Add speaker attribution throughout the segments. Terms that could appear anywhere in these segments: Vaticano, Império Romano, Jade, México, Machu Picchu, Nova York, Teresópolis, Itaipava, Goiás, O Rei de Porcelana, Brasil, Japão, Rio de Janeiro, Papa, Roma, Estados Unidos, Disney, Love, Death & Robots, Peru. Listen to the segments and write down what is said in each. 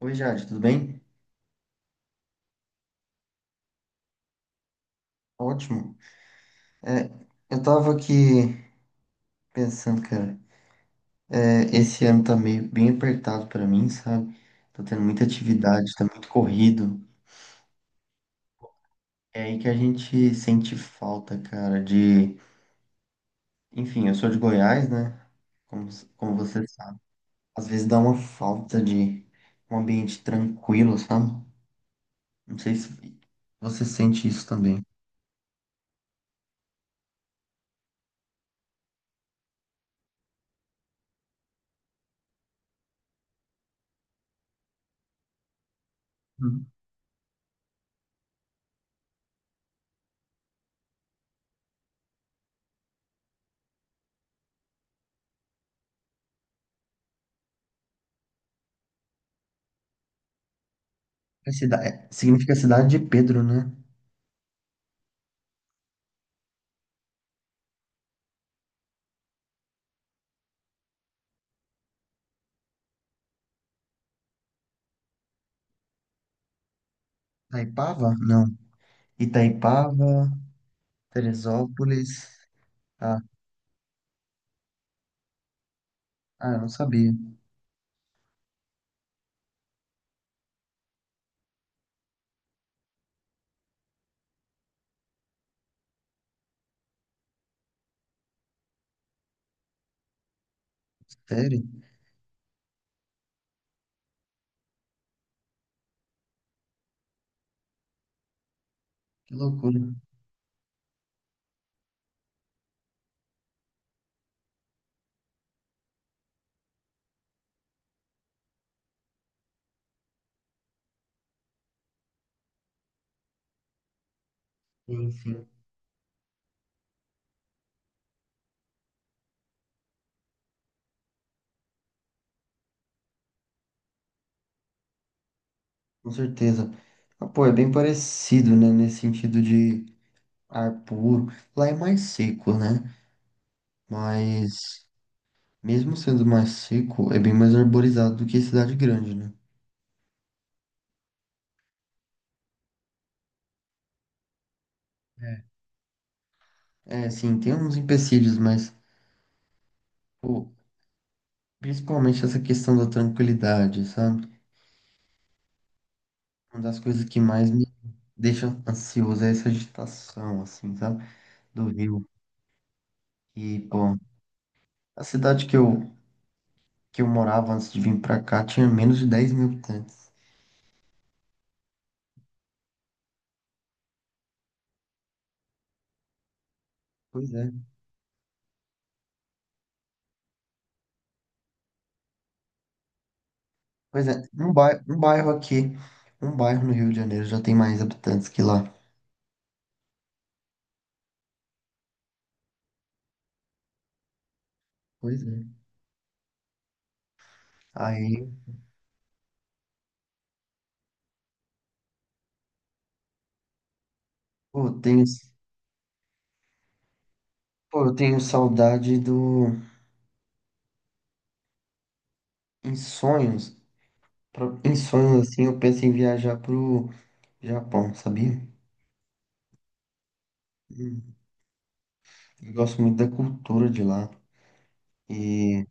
Speaker 1: Oi, Jade, tudo bem? Ótimo. É, eu tava aqui pensando, cara, esse ano tá meio bem apertado pra mim, sabe? Tô tendo muita atividade, tá muito corrido. É aí que a gente sente falta, cara, de. Enfim, eu sou de Goiás, né? Como, como você sabe. Às vezes dá uma falta de um ambiente tranquilo, sabe? Não sei se você sente isso também. Hum. É significa cidade de Pedro, né? Itaipava? Não. Itaipava. Teresópolis. Ah, ah, eu não sabia. Sério? Que loucura. Sim, sim. Com certeza. Ah, pô, é bem parecido, né? Nesse sentido de ar puro. Lá é mais seco, né? Mas, mesmo sendo mais seco, é bem mais arborizado do que cidade grande, né? É, sim, tem uns empecilhos, mas, pô, principalmente essa questão da tranquilidade, sabe? Uma das coisas que mais me deixa ansioso é essa agitação, assim, sabe? Do rio. E, pô, a cidade que eu morava antes de vir pra cá tinha menos de 10 mil habitantes. Pois é. Pois é. Um bairro aqui, um bairro no Rio de Janeiro já tem mais habitantes que lá. Pois é. Aí, pô, eu tenho, pô, eu tenho saudade do. Em sonhos, em sonhos assim, eu penso em viajar pro Japão, sabia? Hum. Eu gosto muito da cultura de lá. E,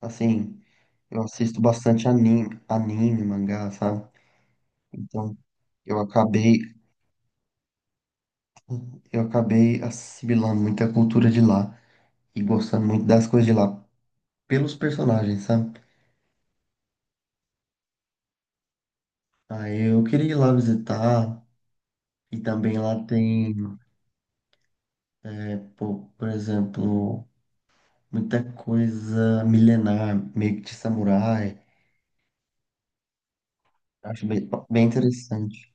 Speaker 1: assim, eu assisto bastante anime, mangá, sabe? Então, eu acabei, eu acabei assimilando muita cultura de lá e gostando muito das coisas de lá pelos personagens, sabe? Aí eu queria ir lá visitar e também lá tem, por exemplo, muita coisa milenar, meio que de samurai. Acho bem interessante.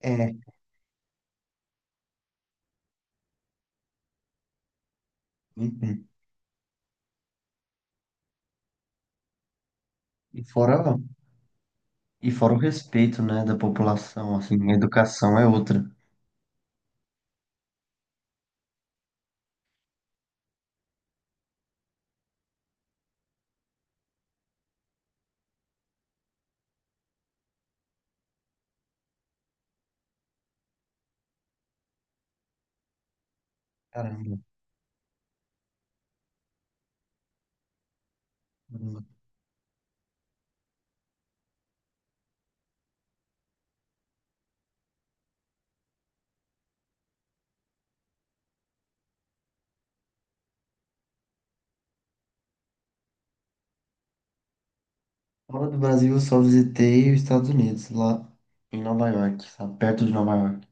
Speaker 1: É, uhum. E fora o respeito, né, da população, assim, a educação é outra. Caramba. Caramba. Fora do Brasil, eu só visitei os Estados Unidos, lá em Nova York, sabe? Perto de Nova York.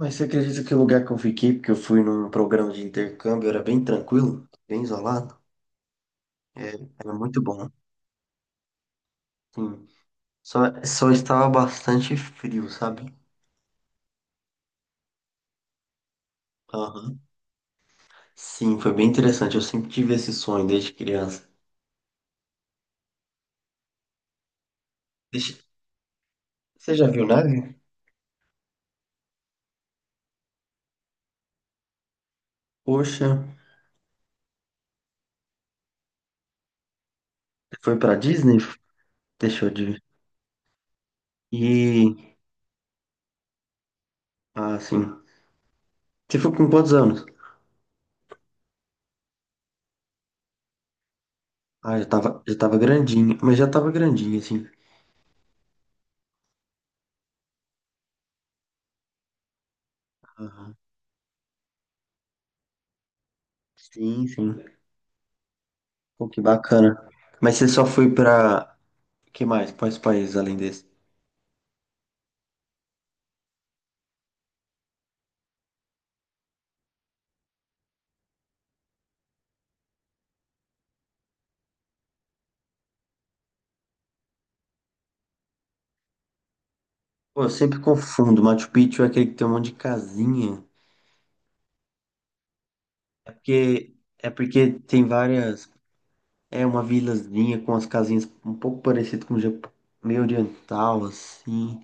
Speaker 1: Mas você acredita que o lugar que eu fiquei, porque eu fui num programa de intercâmbio, era bem tranquilo, bem isolado? É, era muito bom. Sim. Só, só estava bastante frio, sabe? Aham. Sim, foi bem interessante. Eu sempre tive esse sonho desde criança. Deixa- Você já viu neve? Poxa, você foi pra Disney? Deixou de ver. E, ah, sim. Você foi com quantos anos? Ah, já tava grandinho, mas já tava grandinho, assim. Aham. Sim, sim. Pô, que bacana. Mas você só foi pra Que mais? Quais países além desse? Pô, eu sempre confundo. Machu Picchu é aquele que tem um monte de casinha. É porque tem várias. É uma vilazinha com as casinhas um pouco parecido com o Japão, meio oriental, assim.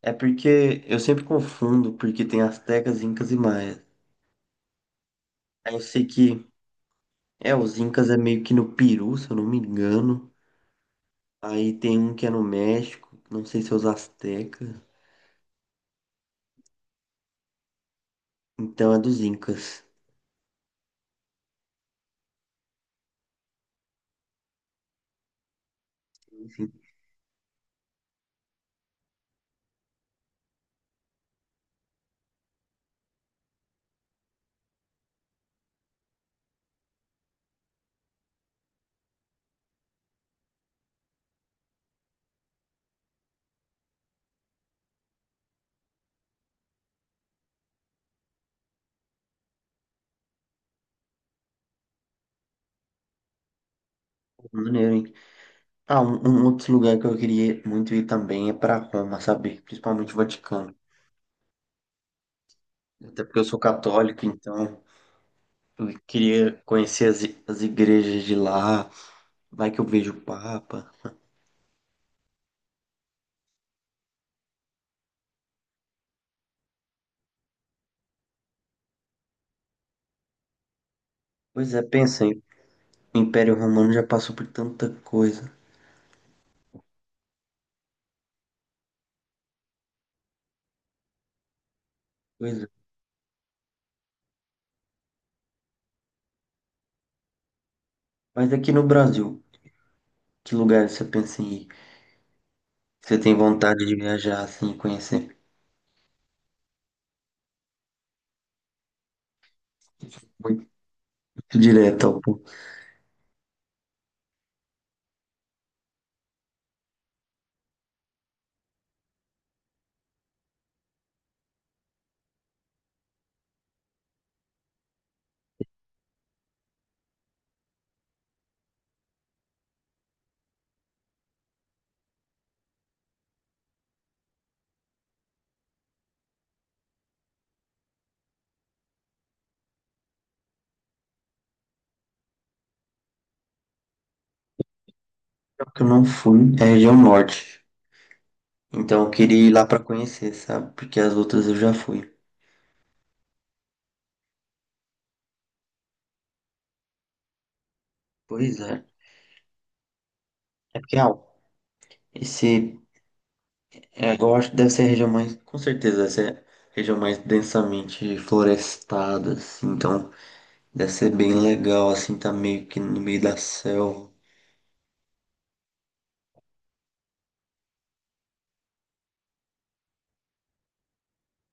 Speaker 1: É porque eu sempre confundo, porque tem astecas, incas e maias. Aí eu sei que. É, os incas é meio que no Peru, se eu não me engano. Aí tem um que é no México, não sei se é os astecas. Então é dos incas. Assim, maneiro, hein? Ah, um outro lugar que eu queria muito ir também é para Roma, sabe? Principalmente o Vaticano. Até porque eu sou católico, então eu queria conhecer as igrejas de lá. Vai que eu vejo o Papa. Pois é, pensa aí. O Império Romano já passou por tanta coisa. Pois é. Mas aqui no Brasil, que lugar você pensa em ir? Você tem vontade de viajar assim, e conhecer? Muito direto ao ponto. Só que eu não fui é a região norte. Então eu queria ir lá para conhecer, sabe? Porque as outras eu já fui. Pois é. É porque, ah, esse, é, eu acho que deve ser a região mais, com certeza, deve ser a região mais densamente florestada, assim, então deve ser bem legal, assim, tá meio que no meio da selva.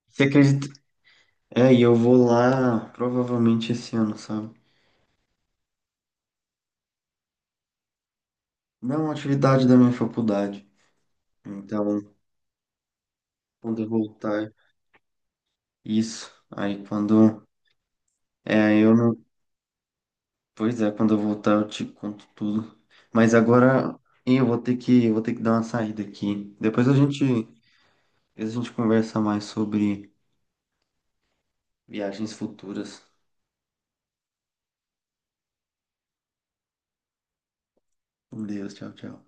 Speaker 1: Você acredita? É, e eu vou lá provavelmente esse ano, sabe? Não, é uma atividade da minha faculdade. Então, quando eu voltar, isso. Aí quando. É, aí eu não. Pois é, quando eu voltar eu te conto tudo. Mas agora eu vou ter que dar uma saída aqui. Depois a gente conversa mais sobre viagens futuras. Com Deus, tchau, tchau.